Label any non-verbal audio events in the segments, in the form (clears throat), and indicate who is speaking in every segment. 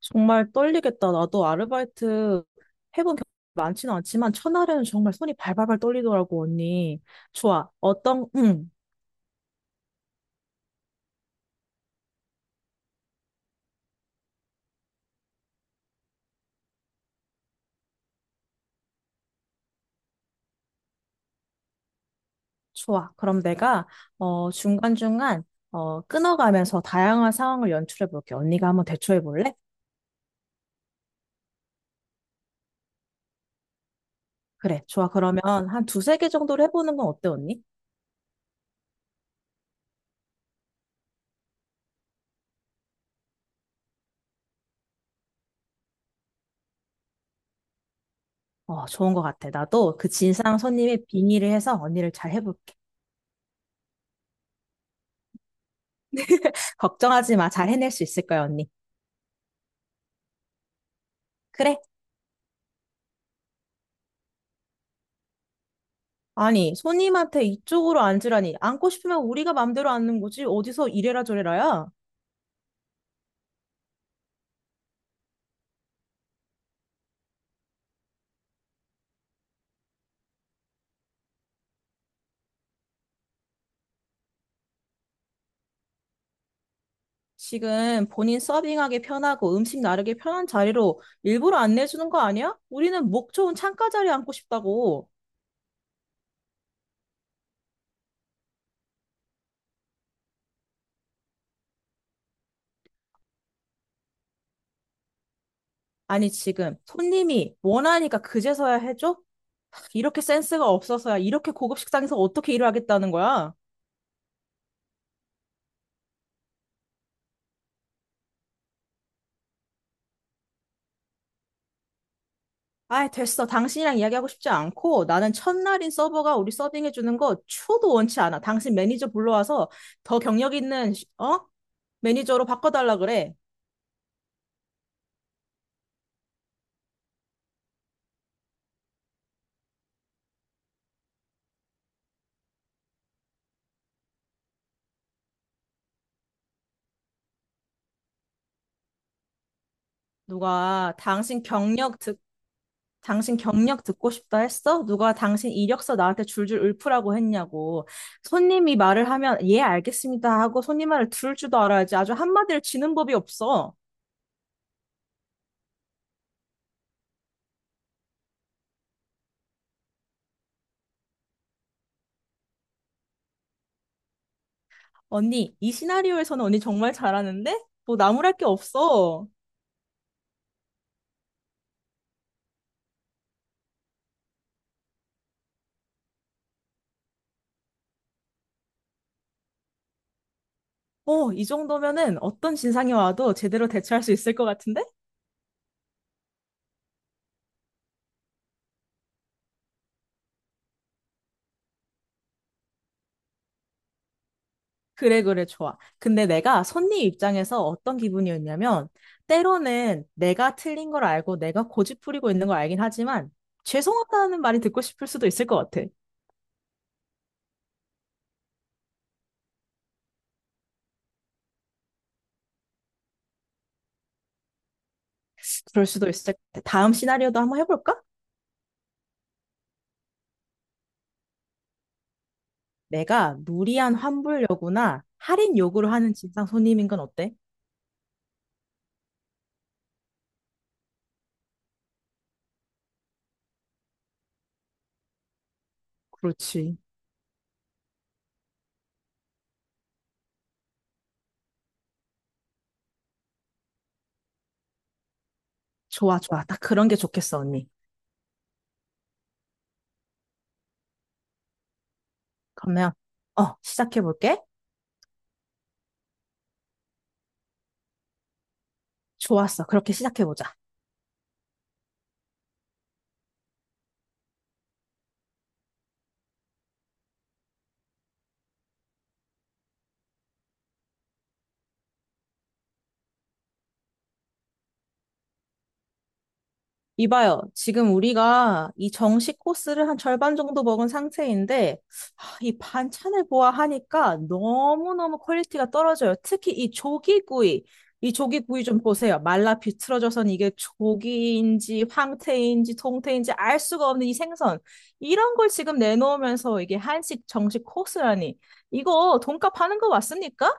Speaker 1: 정말 떨리겠다. 나도 아르바이트 해본 경험이 많지는 않지만 첫날에는 정말 손이 발발발 떨리더라고, 언니. 좋아. 어떤, 응, 좋아. 그럼 내가, 중간중간, 끊어가면서 다양한 상황을 연출해 볼게. 언니가 한번 대처해 볼래? 그래, 좋아. 그러면 한 두세 개 정도로 해보는 건 어때, 언니? 어, 좋은 것 같아. 나도 그 진상 손님의 빙의를 해서 언니를 잘 해볼게. 걱정하지 마. 잘 해낼 수 있을 거야, 언니. 그래, 아니, 손님한테 이쪽으로 앉으라니. 앉고 싶으면 우리가 맘대로 앉는 거지. 어디서 이래라 저래라야? 지금 본인 서빙하기 편하고 음식 나르기 편한 자리로 일부러 안내해주는 거 아니야? 우리는 목 좋은 창가 자리에 앉고 싶다고. 아니, 지금 손님이 원하니까 그제서야 해줘? 이렇게 센스가 없어서야 이렇게 고급 식당에서 어떻게 일을 하겠다는 거야? 아이, 됐어. 당신이랑 이야기하고 싶지 않고 나는 첫날인 서버가 우리 서빙해주는 거 초도 원치 않아. 당신 매니저 불러와서 더 경력 있는, 어? 매니저로 바꿔달라 그래. 누가 당신 경력 듣, 당신 경력 듣고 싶다 했어? 누가 당신 이력서 나한테 줄줄 읊으라고 했냐고. 손님이 말을 하면, 예, 알겠습니다 하고 손님 말을 들을 줄도 알아야지. 아주 한마디를 치는 법이 없어. 언니, 이 시나리오에서는 언니 정말 잘하는데? 뭐 나무랄 게 없어. 어, 이 정도면은 어떤 진상이 와도 제대로 대처할 수 있을 것 같은데? 그래, 그래, 좋아. 근데 내가 손님 입장에서 어떤 기분이었냐면, 때로는 내가 틀린 걸 알고 내가 고집부리고 있는 걸 알긴 하지만, 죄송하다는 말이 듣고 싶을 수도 있을 것 같아. 그럴 수도 있을 것 같아. 다음 시나리오도 한번 해볼까? 내가 무리한 환불 요구나 할인 요구를 하는 진상 손님인 건 어때? 그렇지. 좋아, 좋아. 딱 그런 게 좋겠어, 언니. 그러면, 시작해볼게. 좋았어. 그렇게 시작해보자. 이봐요. 지금 우리가 이 정식 코스를 한 절반 정도 먹은 상태인데, 하, 이 반찬을 보아하니까 너무너무 퀄리티가 떨어져요. 특히 이 조기구이. 이 조기구이 좀 보세요. 말라 비틀어져선 이게 조기인지 황태인지 동태인지 알 수가 없는 이 생선. 이런 걸 지금 내놓으면서 이게 한식 정식 코스라니. 이거 돈값 하는 거 맞습니까?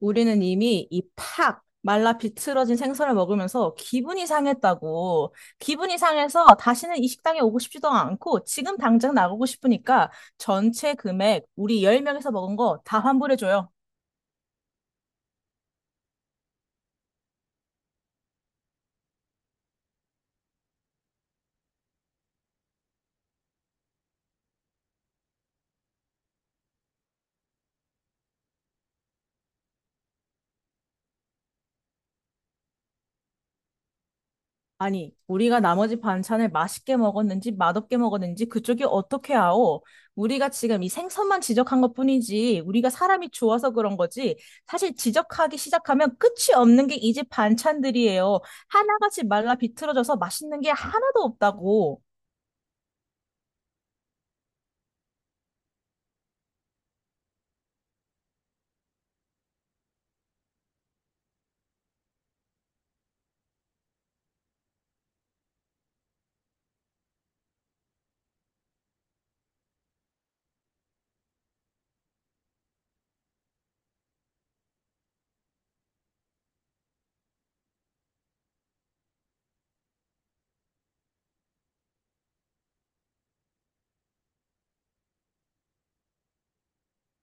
Speaker 1: 우리는 이미 이 팍 말라 비틀어진 생선을 먹으면서 기분이 상했다고. 기분이 상해서 다시는 이 식당에 오고 싶지도 않고 지금 당장 나가고 싶으니까 전체 금액 우리 10명에서 먹은 거 다 환불해줘요. 아니, 우리가 나머지 반찬을 맛있게 먹었는지 맛없게 먹었는지 그쪽이 어떻게 아오? 우리가 지금 이 생선만 지적한 것뿐이지 우리가 사람이 좋아서 그런 거지 사실 지적하기 시작하면 끝이 없는 게 이 집 반찬들이에요. 하나같이 말라 비틀어져서 맛있는 게 하나도 없다고.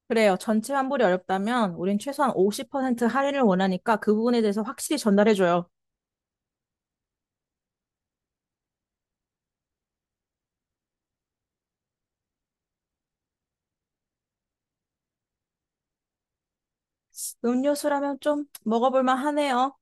Speaker 1: 그래요. 전체 환불이 어렵다면 우린 최소한 50% 할인을 원하니까 그 부분에 대해서 확실히 전달해줘요. 음료수라면 좀 먹어볼만 하네요.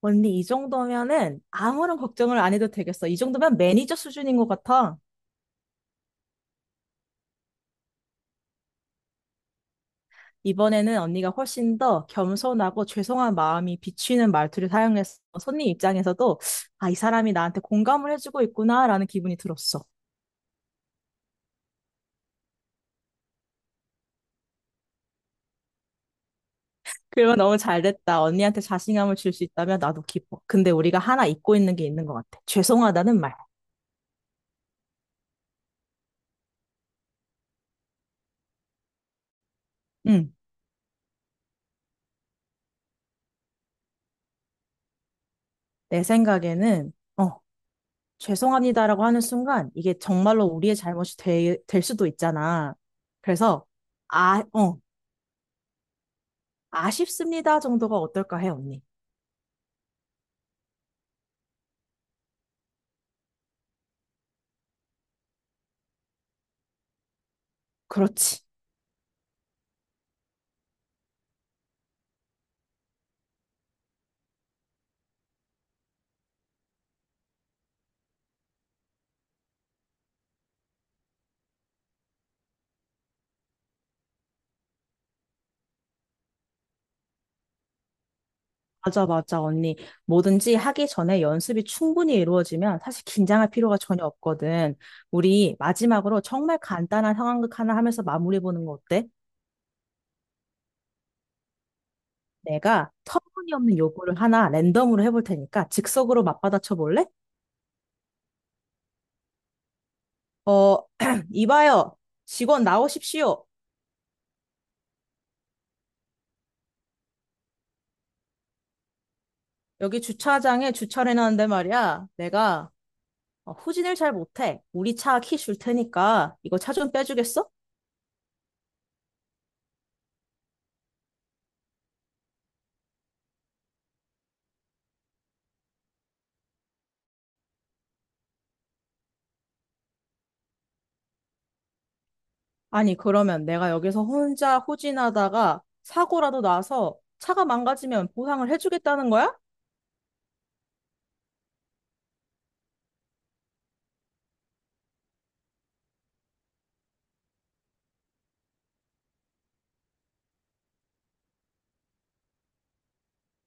Speaker 1: 언니, 이 정도면은 아무런 걱정을 안 해도 되겠어. 이 정도면 매니저 수준인 것 같아. 이번에는 언니가 훨씬 더 겸손하고 죄송한 마음이 비치는 말투를 사용해서 손님 입장에서도 아, 이 사람이 나한테 공감을 해주고 있구나라는 기분이 들었어. 그러면 너무 잘 됐다. 언니한테 자신감을 줄 수 있다면 나도 기뻐. 근데 우리가 하나 잊고 있는 게 있는 것 같아. 죄송하다는 말. 응. 내 생각에는 어, 죄송합니다라고 하는 순간 이게 정말로 우리의 잘못이 될 수도 있잖아. 그래서 아, 어, 아쉽습니다 정도가 어떨까 해, 언니. 그렇지. 맞아, 맞아, 언니. 뭐든지 하기 전에 연습이 충분히 이루어지면 사실 긴장할 필요가 전혀 없거든. 우리 마지막으로 정말 간단한 상황극 하나 하면서 마무리 보는 거 어때? 내가 터무니없는 요구를 하나 랜덤으로 해볼 테니까 즉석으로 맞받아쳐 볼래? 어, (clears throat) 이봐요. 직원 나오십시오. 여기 주차장에 주차를 해놨는데 말이야. 내가 후진을 잘 못해. 우리 차 키 줄 테니까 이거 차 좀 빼주겠어? 아니, 그러면 내가 여기서 혼자 후진하다가 사고라도 나서 차가 망가지면 보상을 해주겠다는 거야?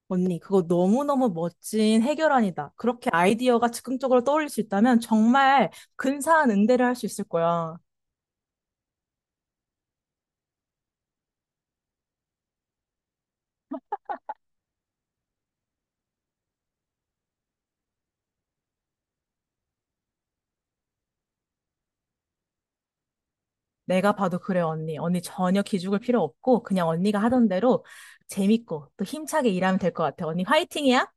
Speaker 1: 언니, 그거 너무너무 멋진 해결안이다. 그렇게 아이디어가 즉흥적으로 떠올릴 수 있다면 정말 근사한 응대를 할 수 있을 거야. 내가 봐도 그래, 언니. 언니 전혀 기죽을 필요 없고 그냥 언니가 하던 대로 재밌고 또 힘차게 일하면 될 것 같아. 언니 화이팅이야!